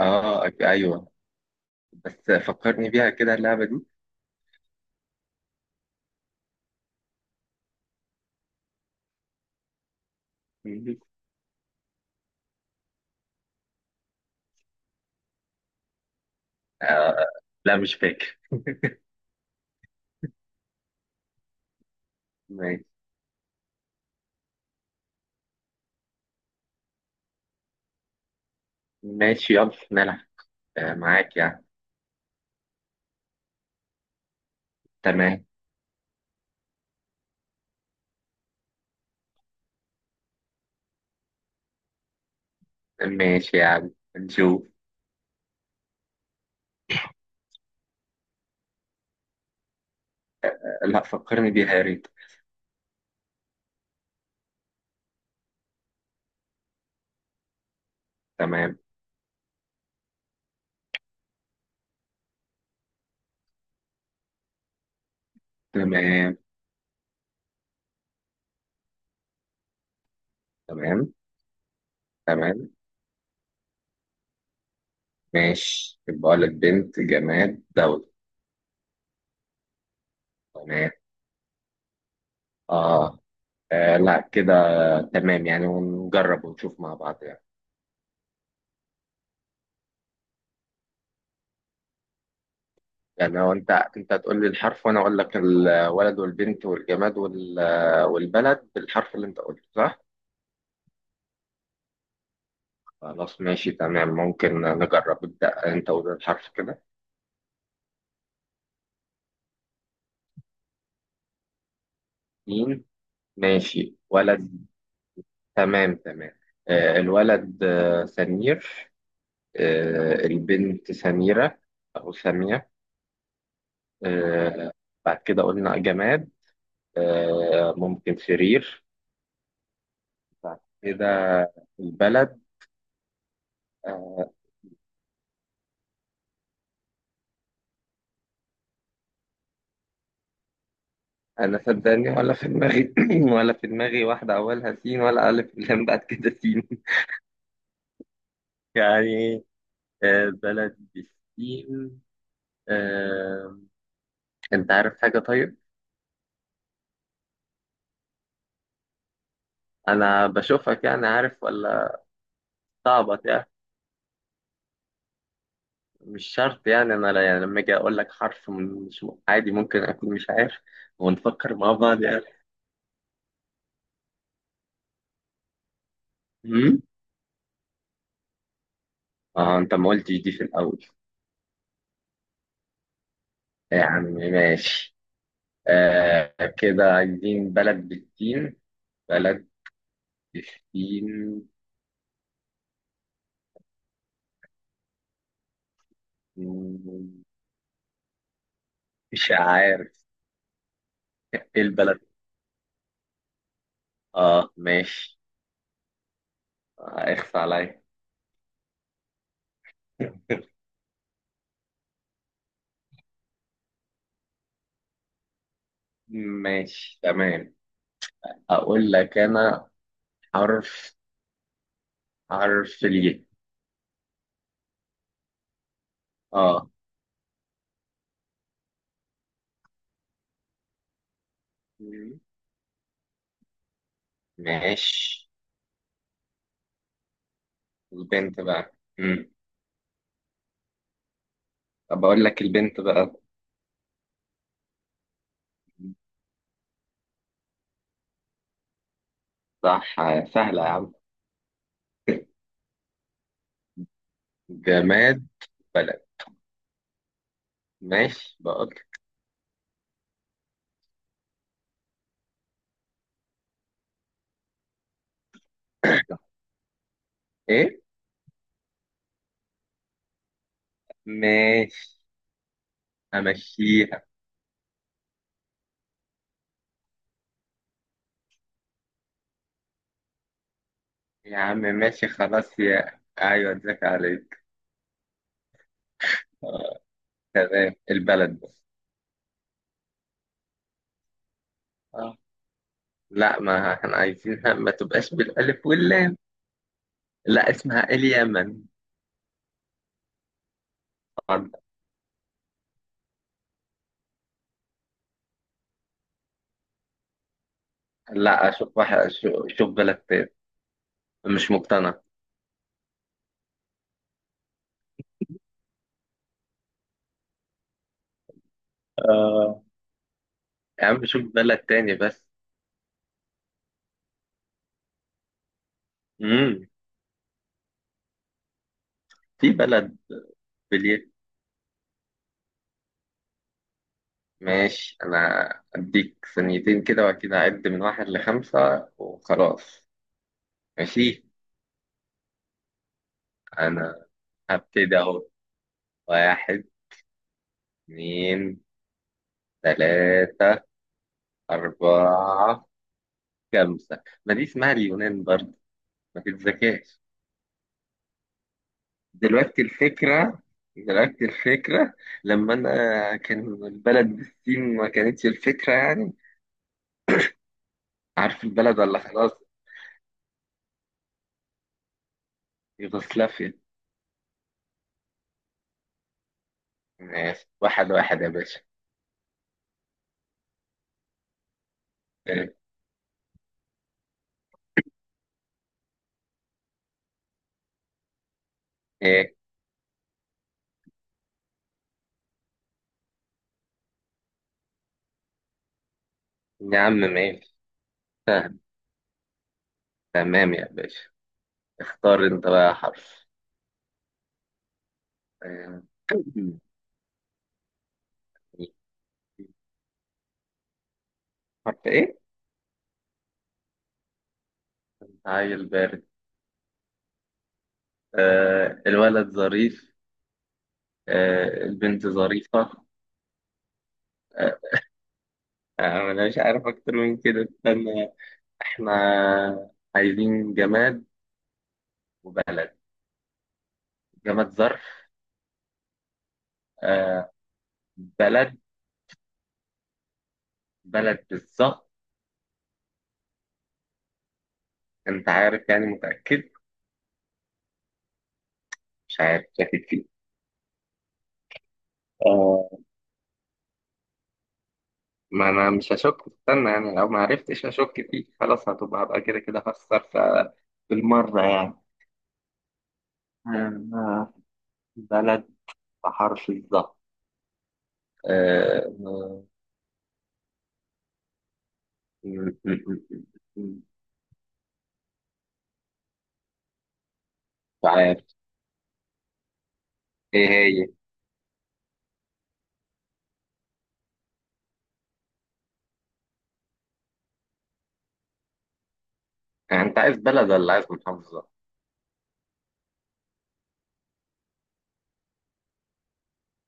اه، ايوه. بس فكرني بيها كده اللعبة دي. مهم. آه. لا، مش فاكر. ماشي. ماشي، يلا نلعب. آه، معاك يعني. تمام. ماشي يعني نشوف. لا، فكرني بيها يا ريت. تمام. تمام. تمام. تمام. ماشي، بقول لك بنت جماد دولة. تمام. آه. اه لا كده. تمام يعني، ونجرب ونشوف مع بعض يعني. يعني هو انت هتقول لي الحرف وانا اقول لك الولد والبنت والجماد والبلد بالحرف اللي انت قلته، صح؟ خلاص ماشي تمام، ممكن نجرب. ابدأ انت، قول الحرف كده. مين؟ ماشي، ولد. تمام تمام. آه الولد، آه، سمير. آه البنت سميرة. او سامية. آه. بعد كده قلنا جماد. آه، ممكن سرير. بعد كده البلد. آه. انا، صدقني، ولا في دماغي ولا في دماغي واحده اولها سين ولا الف لام بعد كده سين. يعني. آه، بلد بالسين. آه. انت عارف حاجه، طيب؟ انا بشوفك يعني، عارف ولا؟ صعبت يعني. مش شرط يعني، انا يعني لما اجي اقول لك حرف، مش عادي ممكن اكون مش عارف. ونفكر مع بعض يعني. أمم؟ اه، انت ما قلتش دي في الاول. يا عم ماشي. آه، كده عايزين بلد بالسين. بلد بالسين. مم، مش عارف. ايه البلد. اه ماشي. آه، اخفى عليا. ماشي. تمام. اقول لك انا حرف، حرف الياء. اه. مم. ماشي. البنت بقى. طب اقول لك البنت بقى. صح. سهلة يا عم. جماد. بلد. ماشي، بقول. ايه. ماشي. امشيها. يا عم ماشي، خلاص، يا ايوه، ازيك عليك. آه، تمام، البلد. لا، ما احنا عايزينها ما تبقاش بالألف واللام. لا، اسمها اليمن. طب. لا، أشوف واحد، شوف بلد تاني. مش مقتنع. آه. يا عم شوف بلد تاني بس. امم في بلد باليد. ماشي أنا. أديك ثانيتين كده وأكيد هعد من واحد لخمسة وخلاص. ماشي. أنا هبتدي أهو. واحد. اتنين. تلاتة. أربعة. خمسة، ما دي اسمها اليونان برضه، ما تتذكاش. دلوقتي الفكرة. دلوقتي الفكرة، لما أنا كان البلد بالسين ما كانتش الفكرة يعني. عارف البلد ولا خلاص؟ يوغوسلافيا. ماشي، واحد واحد يا باشا. إيه؟ إيه. يا عم ماشي. فاهم. تمام يا باشا. اختار أنت بقى حرف. آه. حرف إيه؟ عيل بارد. آه الولد ظريف. آه البنت ظريفة. آه. آه. أنا مش عارف أكتر من كده، استنى. احنا عايزين جماد وبلد. جماد ظرف. آه. بلد. بلد بالظبط. انت عارف يعني، متأكد؟ مش عارف، شاكك فيه. آه. ما انا مش هشك، استنى يعني، لو ما عرفتش هشك فيه خلاص، هبقى كده كده خسر. بالمرة يعني. آه. بلد بحرف الظهر. آه، م- م- مش عارف. ايه هي؟ يعني انت عايز بلد ولا عايز محافظة؟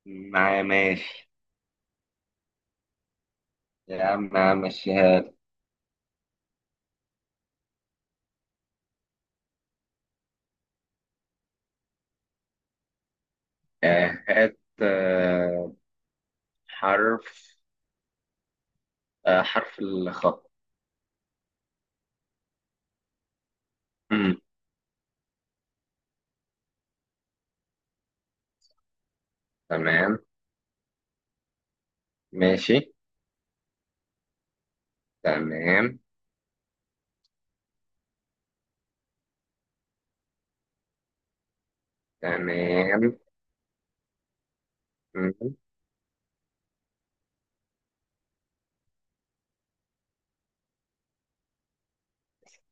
ماشي. يا عم، يا عم، مشيها لي. آه، هات، آه، حرف، آه، حرف الخاء. مم. تمام. ماشي. تمام. تمام. مم.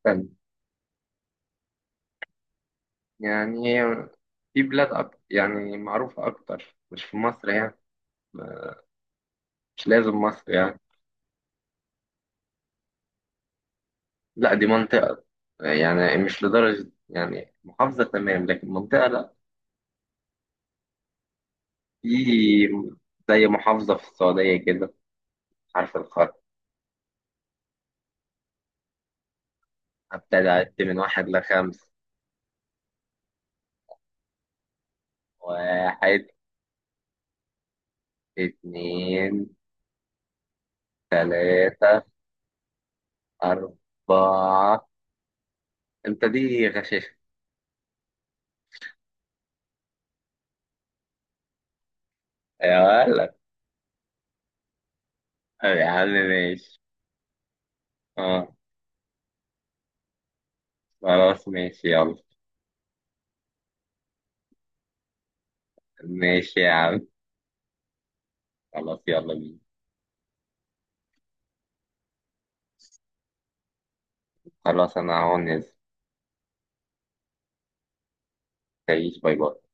تمام. يعني في بلاد أكتر يعني، معروفة أكتر، مش في مصر يعني. مش لازم مصر يعني. لا، دي منطقة. يعني مش لدرجة يعني محافظة، تمام، لكن منطقة لا. في، زي محافظة في السعودية كده. حرف الخاء. هبتدي أعد من واحد لخمس. واحد. اتنين. تلاتة. أربعة. أنت دي غشاشة. يا ولد. يا عم ماشي. أه. خلاص ماشي، يلا. ماشي يا عم. خلاص يلا بينا. خلاص أنا هون نازل. تعيش، باي باي.